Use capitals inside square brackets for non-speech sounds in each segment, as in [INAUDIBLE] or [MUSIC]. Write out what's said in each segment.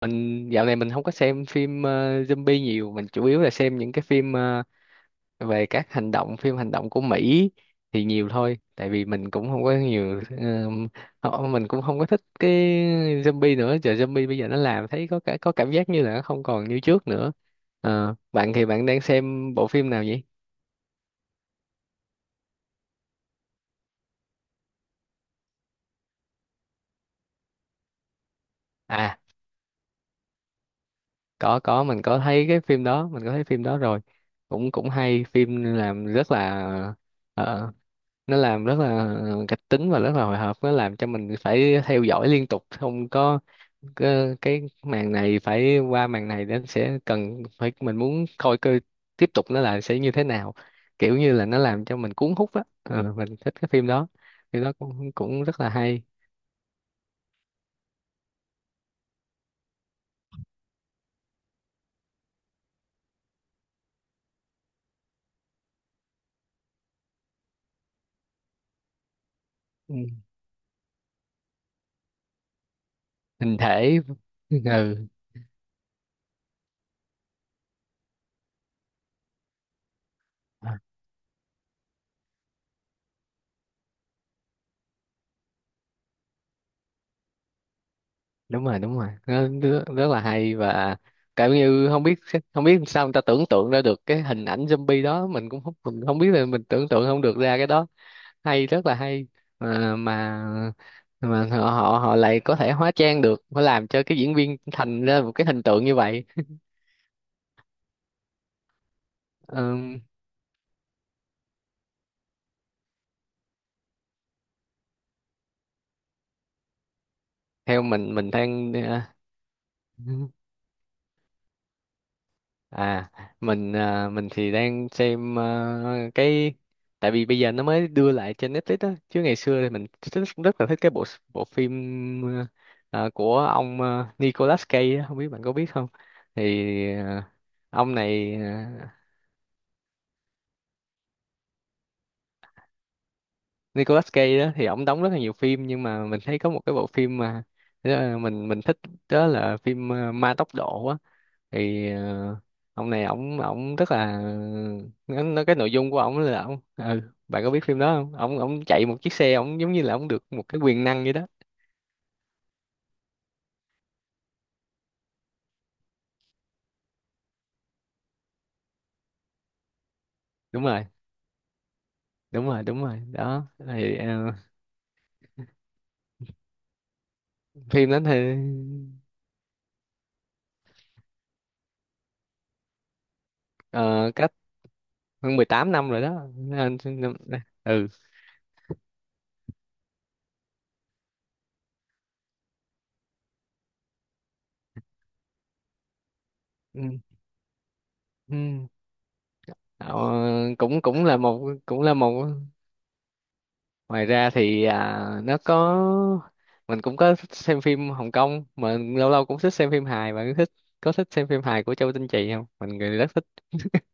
Mình dạo này không có xem phim zombie nhiều. Mình chủ yếu là xem những cái phim về các hành động, phim hành động của Mỹ thì nhiều thôi, tại vì mình cũng không có nhiều. Mình cũng không có thích cái zombie nữa, giờ zombie bây giờ nó làm thấy có cảm giác như là nó không còn như trước nữa. Bạn thì bạn đang xem bộ phim nào vậy? À, có mình có thấy cái phim đó, mình có thấy phim đó rồi. Cũng cũng hay, phim làm rất là ờ, nó làm rất là kịch tính và rất là hồi hộp, nó làm cho mình phải theo dõi liên tục. Không có cái màn này phải qua, màn này nó sẽ cần phải, mình muốn coi cơ tiếp tục nó là sẽ như thế nào. Kiểu như là nó làm cho mình cuốn hút á. Ừ, mình thích cái phim đó. Phim đó cũng cũng rất là hay. Ừ. Hình thể. Ừ, đúng rồi, đúng rồi, nó rất, rất là hay, và cảm như không biết, sao người ta tưởng tượng ra được cái hình ảnh zombie đó. Mình không biết là mình tưởng tượng không được ra cái đó, hay, rất là hay, mà mà họ họ họ lại có thể hóa trang được, phải làm cho cái diễn viên thành ra một cái hình tượng như vậy. Ừm, theo mình đang ờ, À, à, mình thì đang xem, cái, tại vì bây giờ nó mới đưa lại trên Netflix á, chứ ngày xưa thì mình thích, rất là thích cái bộ bộ phim, của ông, Nicolas Cage á, không biết bạn có biết không? Thì à, ông này, Nicolas Cage đó thì ông đóng rất là nhiều phim, nhưng mà mình thấy có một cái bộ phim mà mình thích, đó là phim, Ma Tốc Độ á. Thì ông này, ổng ổng rất là nó cái nội dung của ổng là ổng, bạn có biết phim đó không? Ổng ổng chạy một chiếc xe, ổng giống như là ổng được một cái quyền năng vậy đó. Đúng rồi, đúng rồi, đúng rồi đó. Thì phim đó thì ờ, cách hơn 18 năm rồi đó. Ừ. Ừ. Ừ. Ờ, cũng cũng là một ngoài ra thì nó có, mình cũng có thích xem phim Hồng Kông, mà lâu lâu cũng thích xem phim hài. Bạn có thích xem phim hài của Châu Tinh Trì không? Mình người rất thích. [LAUGHS]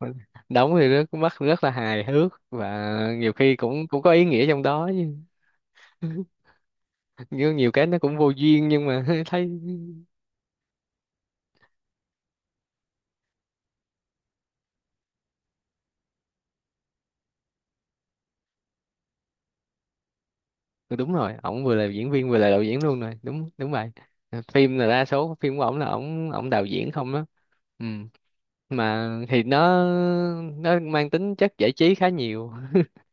Mình- Đóng thì rất mắt, rất là hài hước và nhiều khi cũng cũng có ý nghĩa trong đó chứ. [LAUGHS] Nhiều cái nó cũng vô duyên, nhưng mà [LAUGHS] thấy. Ừ, đúng rồi, ổng vừa là diễn viên vừa là đạo diễn luôn rồi, đúng, đúng vậy. Phim là đa số phim của ổng là ổng ổng đạo diễn không đó. Ừ. Mà thì nó mang tính chất giải trí khá nhiều. [LAUGHS]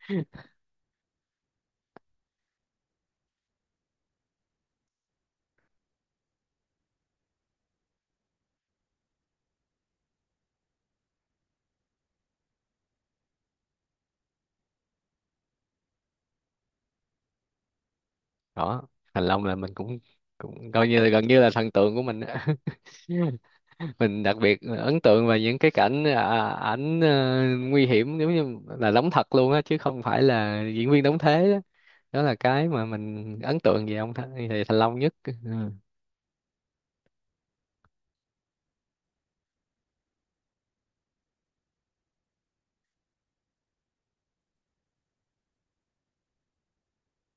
Đó, Thành Long là mình cũng cũng coi như là gần như là thần tượng của mình á. [LAUGHS] Mình đặc biệt ấn tượng về những cái cảnh, ảnh, nguy hiểm, giống như là đóng thật luôn á, chứ không phải là diễn viên đóng thế đó. Đó là cái mà mình ấn tượng về ông Th về Thành Long nhất, ừ,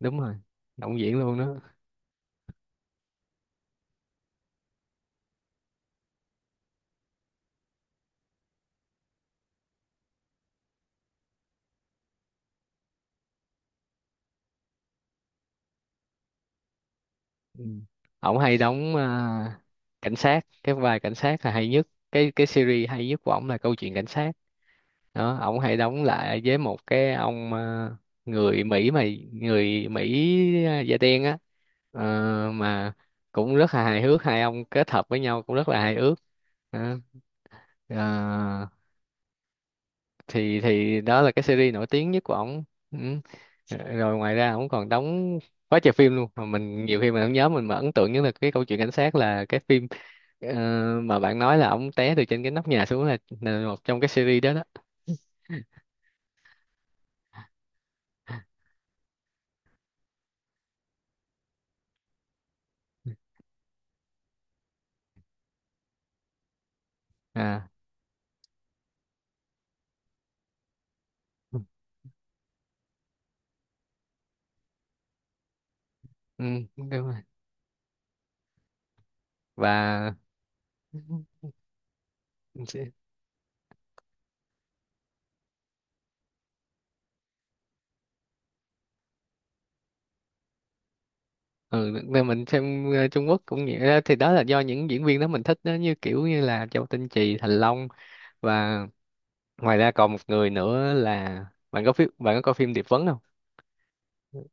đúng rồi, động diễn luôn đó. Ừ. Ổng hay đóng, cảnh sát, cái vai cảnh sát là hay nhất. Cái series hay nhất của ổng là câu chuyện cảnh sát, đó ông hay đóng lại với một cái ông, người Mỹ mà người Mỹ da đen á. Mà cũng rất là hài hước, hai ông kết hợp với nhau cũng rất là hài hước. Đó. Ờ, thì đó là cái series nổi tiếng nhất của ổng. Ừ. Rồi ngoài ra ổng còn đóng quá trời phim luôn, mà mình nhiều khi mình không nhớ. Mình mà ấn tượng nhất là cái câu chuyện cảnh sát, là cái phim ờ, mà bạn nói là ổng té từ trên cái nóc nhà xuống là một trong cái series đó đó. À, ừ, ừ, đúng rồi, và mình sẽ- ừ, nên mình xem Trung Quốc cũng vậy đó. Thì đó là do những diễn viên đó mình thích đó, như kiểu như là Châu Tinh Trì, Thành Long và ngoài ra còn một người nữa là, bạn có coi phim Điệp Vấn không?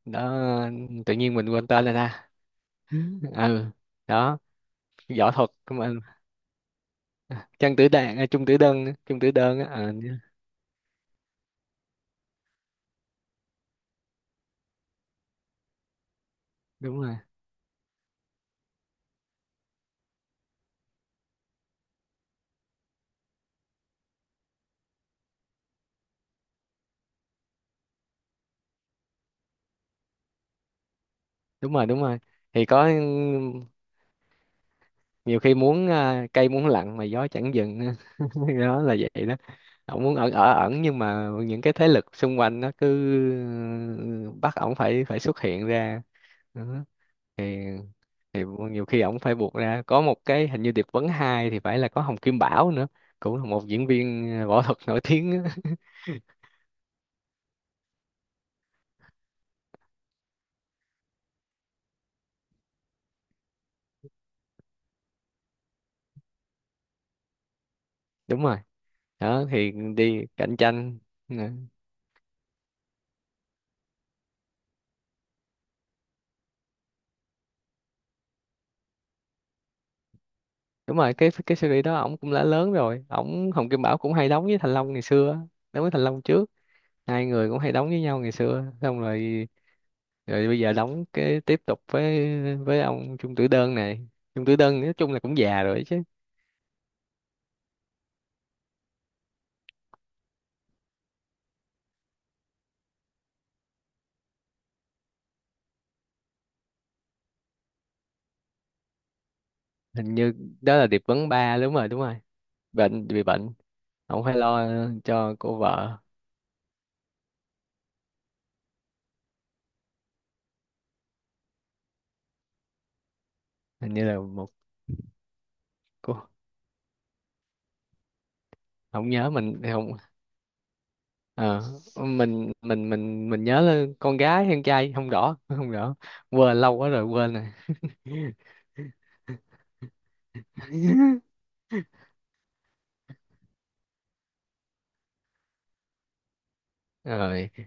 Đó, tự nhiên mình quên tên rồi ta. Ừ, ừ, đó, võ thuật mà, Trang Tử Đàn à, Trung Tử Đơn á. Ờ, Đúng rồi, đúng rồi, đúng rồi. Thì có nhiều khi muốn, cây muốn lặng mà gió chẳng dừng á. [LAUGHS] Đó là vậy đó. Ổng muốn ở ẩn, nhưng mà những cái thế lực xung quanh nó cứ, ừ, bắt ổng phải phải xuất hiện ra đó. thì thì nhiều khi ổng phải buộc ra, có một cái hình như điệp vấn 2 thì phải là có Hồng Kim Bảo nữa, cũng là một diễn viên võ thuật nổi tiếng á. [LAUGHS] Đúng rồi đó, thì đi cạnh tranh Nè. Đúng rồi, cái series đó ổng cũng đã lớn rồi, ổng Hồng Kim Bảo cũng hay đóng với Thành Long ngày xưa á, đóng với Thành Long trước, hai người cũng hay đóng với nhau ngày xưa. Xong rồi, bây giờ đóng cái tiếp tục với, ông Chung Tử Đơn này. Chung Tử Đơn nói chung là cũng già rồi chứ, hình như đó là điệp vấn 3, đúng rồi, đúng rồi. Bị bệnh, ông phải lo cho cô vợ, hình như là một cô, không nhớ, mình không ờ, mình nhớ là con gái hay con trai, không rõ, không rõ, quên lâu quá rồi, quên rồi. [LAUGHS] Rồi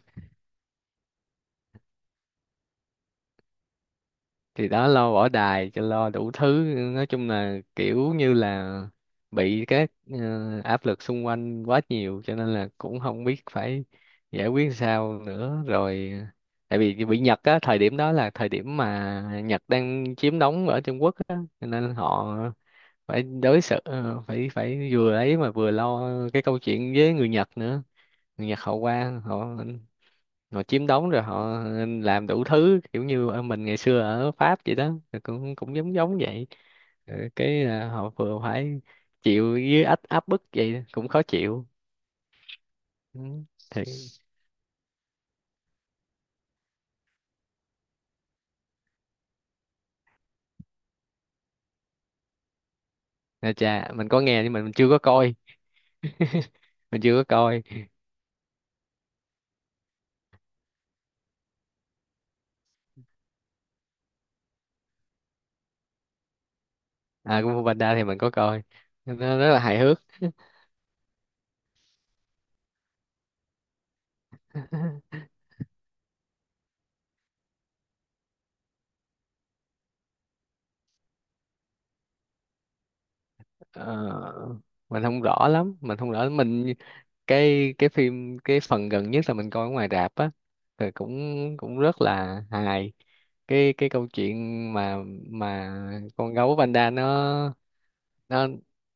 thì đó, lo bỏ đài cho, lo đủ thứ, nói chung là kiểu như là bị các áp lực xung quanh quá nhiều, cho nên là cũng không biết phải giải quyết sao nữa rồi. Tại vì bị Nhật á, thời điểm đó là thời điểm mà Nhật đang chiếm đóng ở Trung Quốc á, cho nên họ phải đối xử, phải phải vừa ấy mà vừa lo cái câu chuyện với người Nhật nữa. Người Nhật họ qua, họ họ chiếm đóng rồi họ làm đủ thứ, kiểu như ở mình ngày xưa ở Pháp vậy đó. Rồi cũng cũng giống giống vậy. Rồi cái, họ vừa phải chịu với áp áp bức vậy, cũng khó chịu. Ừ. Thì chà, mình có nghe nhưng mà mình chưa có coi. À, Kung Fu Panda thì mình có coi, nó rất là hài hước. [LAUGHS] Ờ, mình không rõ lắm. Mình, cái phần gần nhất là mình coi ở ngoài rạp á, thì cũng cũng rất là hài, cái câu chuyện mà, mà con gấu panda nó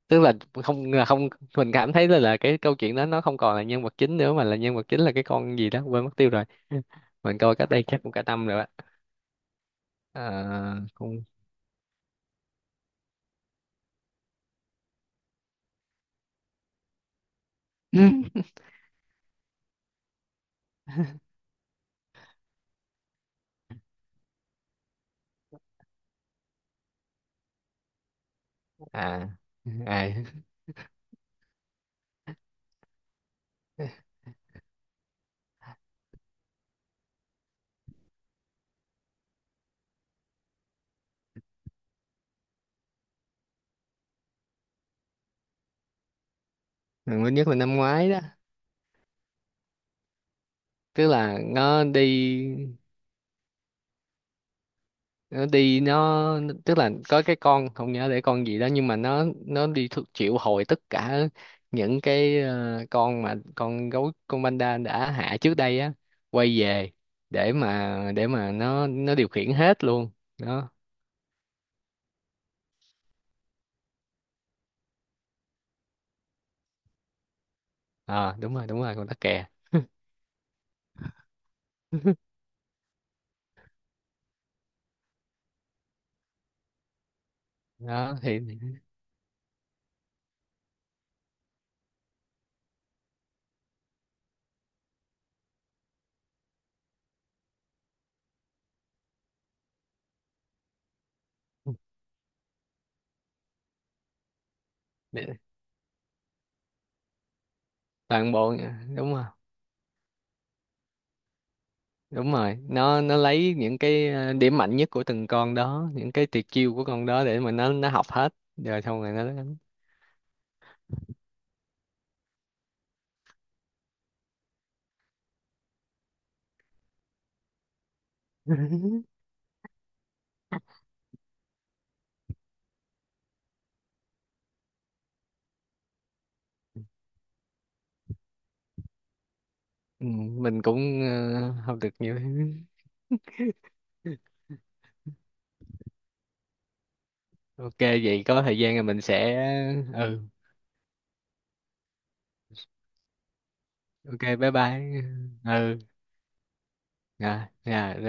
tức là không mình cảm thấy là cái câu chuyện đó nó không còn là nhân vật chính nữa, mà là nhân vật chính là cái con gì đó, quên mất tiêu rồi. [LAUGHS] Mình coi cách đây chắc cũng cả năm rồi á. Ờ, con. [LAUGHS] à à mình mới nhất là năm ngoái đó. Tức là nó đi, tức là có cái con, không nhớ để con gì đó, nhưng mà nó đi triệu hồi tất cả những cái con mà con gấu, con panda đã hạ trước đây á, quay về để mà, nó điều khiển hết luôn đó. Ờ Đúng rồi, đúng rồi, con tắc kè. [LAUGHS] Đó thì toàn bộ, đúng rồi, đúng rồi, nó lấy những cái điểm mạnh nhất của từng con đó, những cái tuyệt chiêu của con đó để mà nó học hết rồi, xong rồi nó đánh. [LAUGHS] Ừ, mình cũng học được nhiều. Ok vậy, có thời gian là mình sẽ. Ừ. Ok, bye bye. Ừ, rồi, rồi.